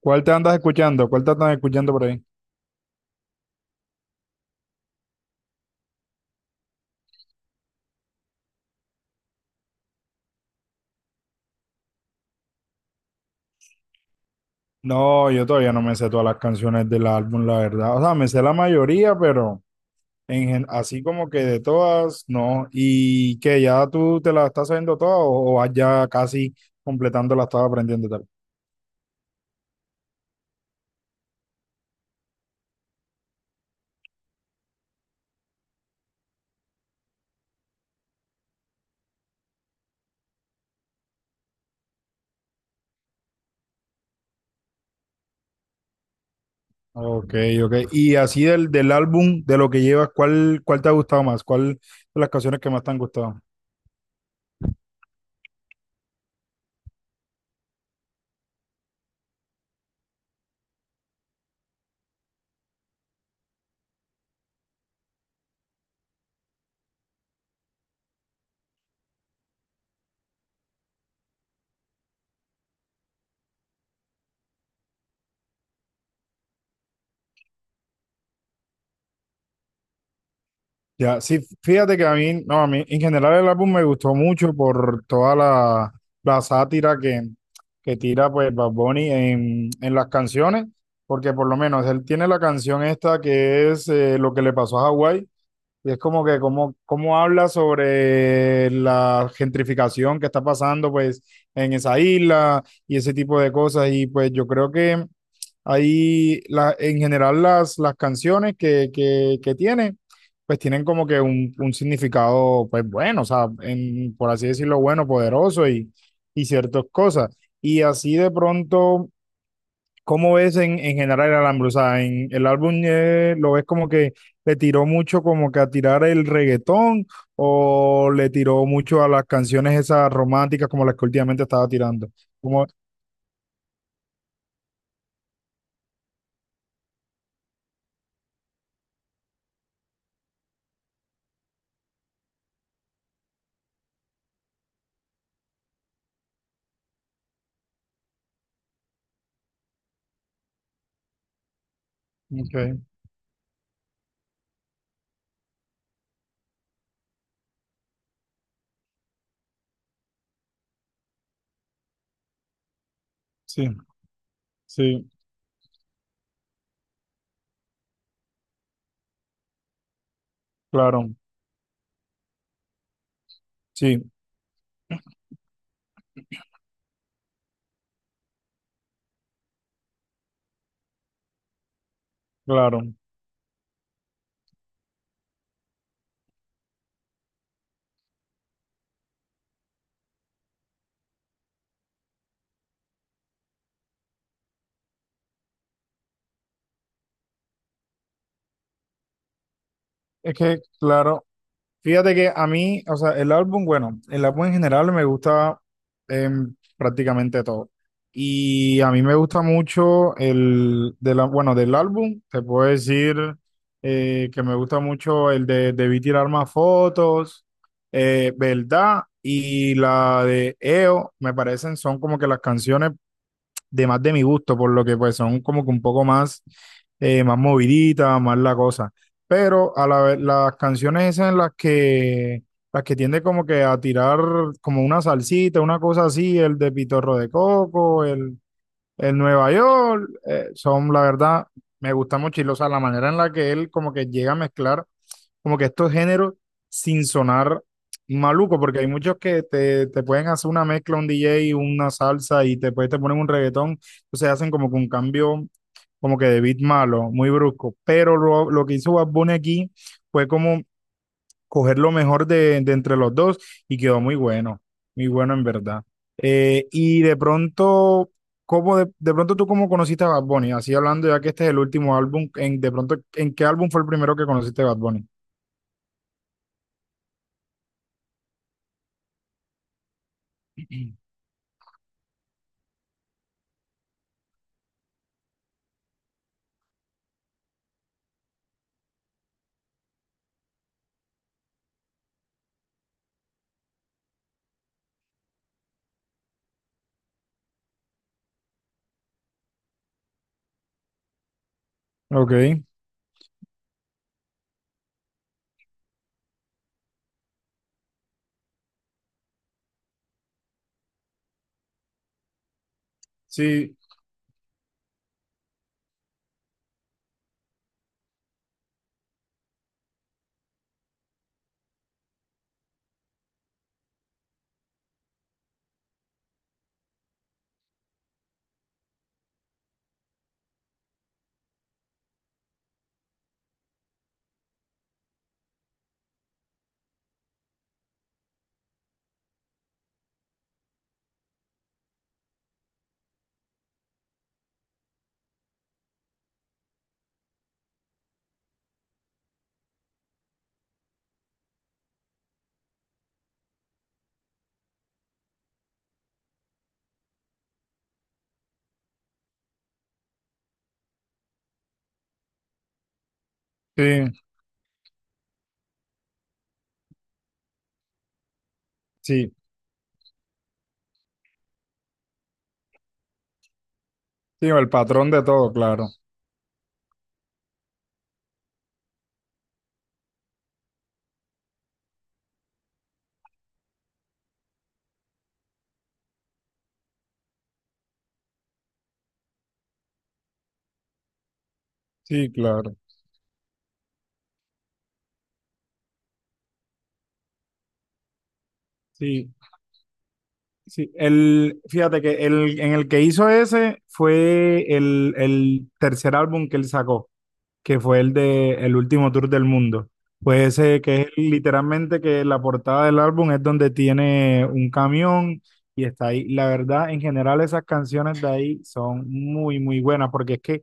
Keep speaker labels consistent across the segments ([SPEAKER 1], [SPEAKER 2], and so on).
[SPEAKER 1] ¿Cuál te andas escuchando? ¿Cuál te andas escuchando por ahí? No, yo todavía no me sé todas las canciones del álbum, la verdad. O sea, me sé la mayoría, pero así como que de todas, no. ¿Y que ya tú te las estás sabiendo todas o vas ya casi completando las estás aprendiendo y tal? Ok, ok. Y así del álbum, de lo que llevas, ¿cuál te ha gustado más? ¿Cuál de las canciones que más te han gustado? Ya, sí, fíjate que a mí, no, a mí en general el álbum me gustó mucho por toda la sátira que tira pues Bad Bunny en las canciones, porque por lo menos él tiene la canción esta que es Lo que le pasó a Hawái, y es como que como cómo habla sobre la gentrificación que está pasando pues en esa isla y ese tipo de cosas. Y pues yo creo que en general las canciones que tiene pues tienen como que un significado pues bueno, o sea, por así decirlo, bueno, poderoso y ciertas cosas. Y así de pronto, ¿cómo ves en general el álbum? O sea, en el álbum lo ves como que le tiró mucho como que a tirar el reggaetón o le tiró mucho a las canciones esas románticas como las que últimamente estaba tirando. Como, ok, sí, sí, claro, sí, claro. Es que, claro, fíjate que a mí, o sea, el álbum, bueno, el álbum en general me gusta prácticamente todo. Y a mí me gusta mucho el, de la, bueno, del álbum, te puedo decir que me gusta mucho el de Debí tirar más fotos, ¿verdad? Y la de EO, me parecen, son como que las canciones de más de mi gusto, por lo que pues son como que un poco más, más moviditas, más la cosa. Pero a la vez, las canciones esas en las que tiende como que a tirar como una salsita, una cosa así, el de Pitorro de Coco, el Nueva York, son la verdad, me gusta mucho y, o sea, la manera en la que él como que llega a mezclar como que estos géneros sin sonar maluco, porque hay muchos que te pueden hacer una mezcla, un DJ, una salsa y después te ponen un reggaetón, entonces hacen como que un cambio como que de beat malo, muy brusco, pero lo que hizo Bad Bunny aquí fue como coger lo mejor de entre los dos y quedó muy bueno, muy bueno en verdad. Y de pronto, ¿cómo de pronto tú cómo conociste a Bad Bunny? Así hablando ya que este es el último álbum, de pronto, ¿en qué álbum fue el primero que conociste a Bad Bunny? Ok. Sí, sí, sí, sí, o el patrón de todo, claro. Sí, claro. Sí, sí. Fíjate que en el que hizo ese fue el tercer álbum que él sacó, que fue el de El último tour del mundo. Pues ese que es literalmente que la portada del álbum es donde tiene un camión y está ahí. La verdad, en general esas canciones de ahí son muy, muy buenas porque es que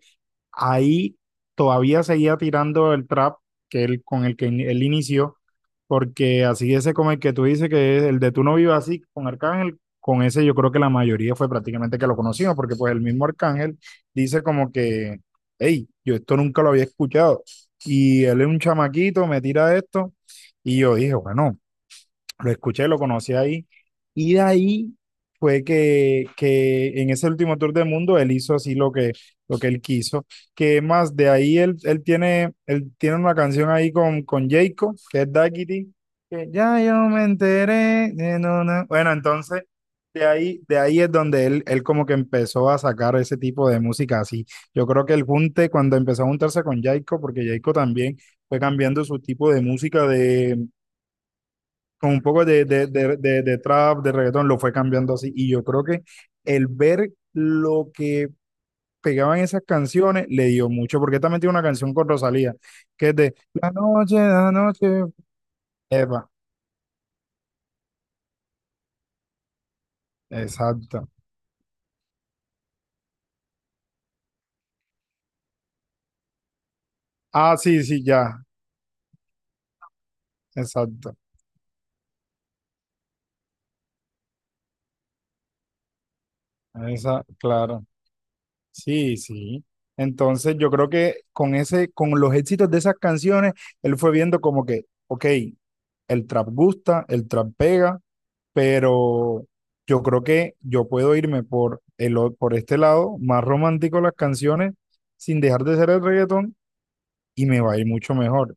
[SPEAKER 1] ahí todavía seguía tirando el trap con el que él inició, porque así ese como el que tú dices que es el de Tú no vivas así con Arcángel, con ese yo creo que la mayoría fue prácticamente que lo conocimos porque pues el mismo Arcángel dice como que hey, yo esto nunca lo había escuchado. Y él es un chamaquito, me tira esto. Y yo dije, bueno, lo escuché, lo conocí ahí. Y de ahí fue que en ese último tour del mundo él hizo así lo que él quiso. Que más de ahí él tiene una canción ahí con Jayco, que es Daquiti, que ya yo me enteré de no, no. Bueno, entonces de ahí es donde él como que empezó a sacar ese tipo de música así. Yo creo que el junte, cuando empezó a juntarse con Jayco, porque Jayco también fue cambiando su tipo de música de con un poco de trap, de reggaetón, lo fue cambiando así. Y yo creo que el ver lo que pegaban esas canciones le dio mucho, porque también tiene una canción con Rosalía, que es de La noche, la noche. Epa, exacto. Ah, sí, sí, ya, exacto. Esa, claro. Sí, sí. Entonces yo creo que con ese, con los éxitos de esas canciones, él fue viendo como que, ok, el trap gusta, el trap pega, pero yo creo que yo puedo irme por, por este lado más romántico de las canciones sin dejar de ser el reggaetón y me va a ir mucho mejor.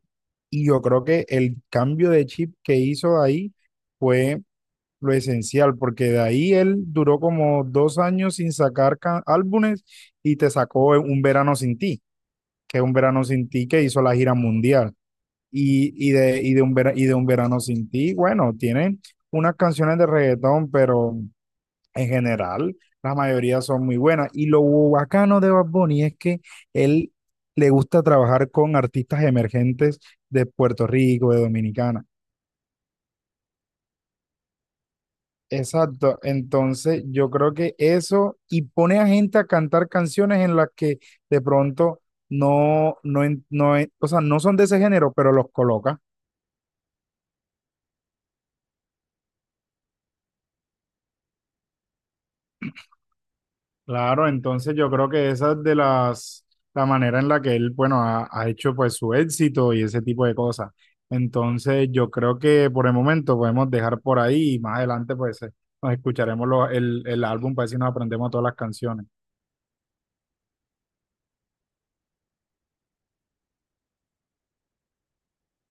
[SPEAKER 1] Y yo creo que el cambio de chip que hizo ahí fue lo esencial, porque de ahí él duró como 2 años sin sacar álbumes y te sacó Un Verano Sin Ti, que es Un Verano Sin Ti que hizo la gira mundial. Y de Un Verano Sin Ti, bueno, tiene unas canciones de reggaetón, pero en general, la mayoría son muy buenas. Y lo bacano de Bad Bunny es que él le gusta trabajar con artistas emergentes de Puerto Rico, de Dominicana. Exacto. Entonces, yo creo que eso y pone a gente a cantar canciones en las que de pronto o sea, no son de ese género, pero los coloca. Claro, entonces yo creo que esa es la manera en la que él, bueno, ha hecho pues su éxito y ese tipo de cosas. Entonces yo creo que por el momento podemos dejar por ahí y más adelante pues nos escucharemos el álbum para ver si nos aprendemos todas las canciones.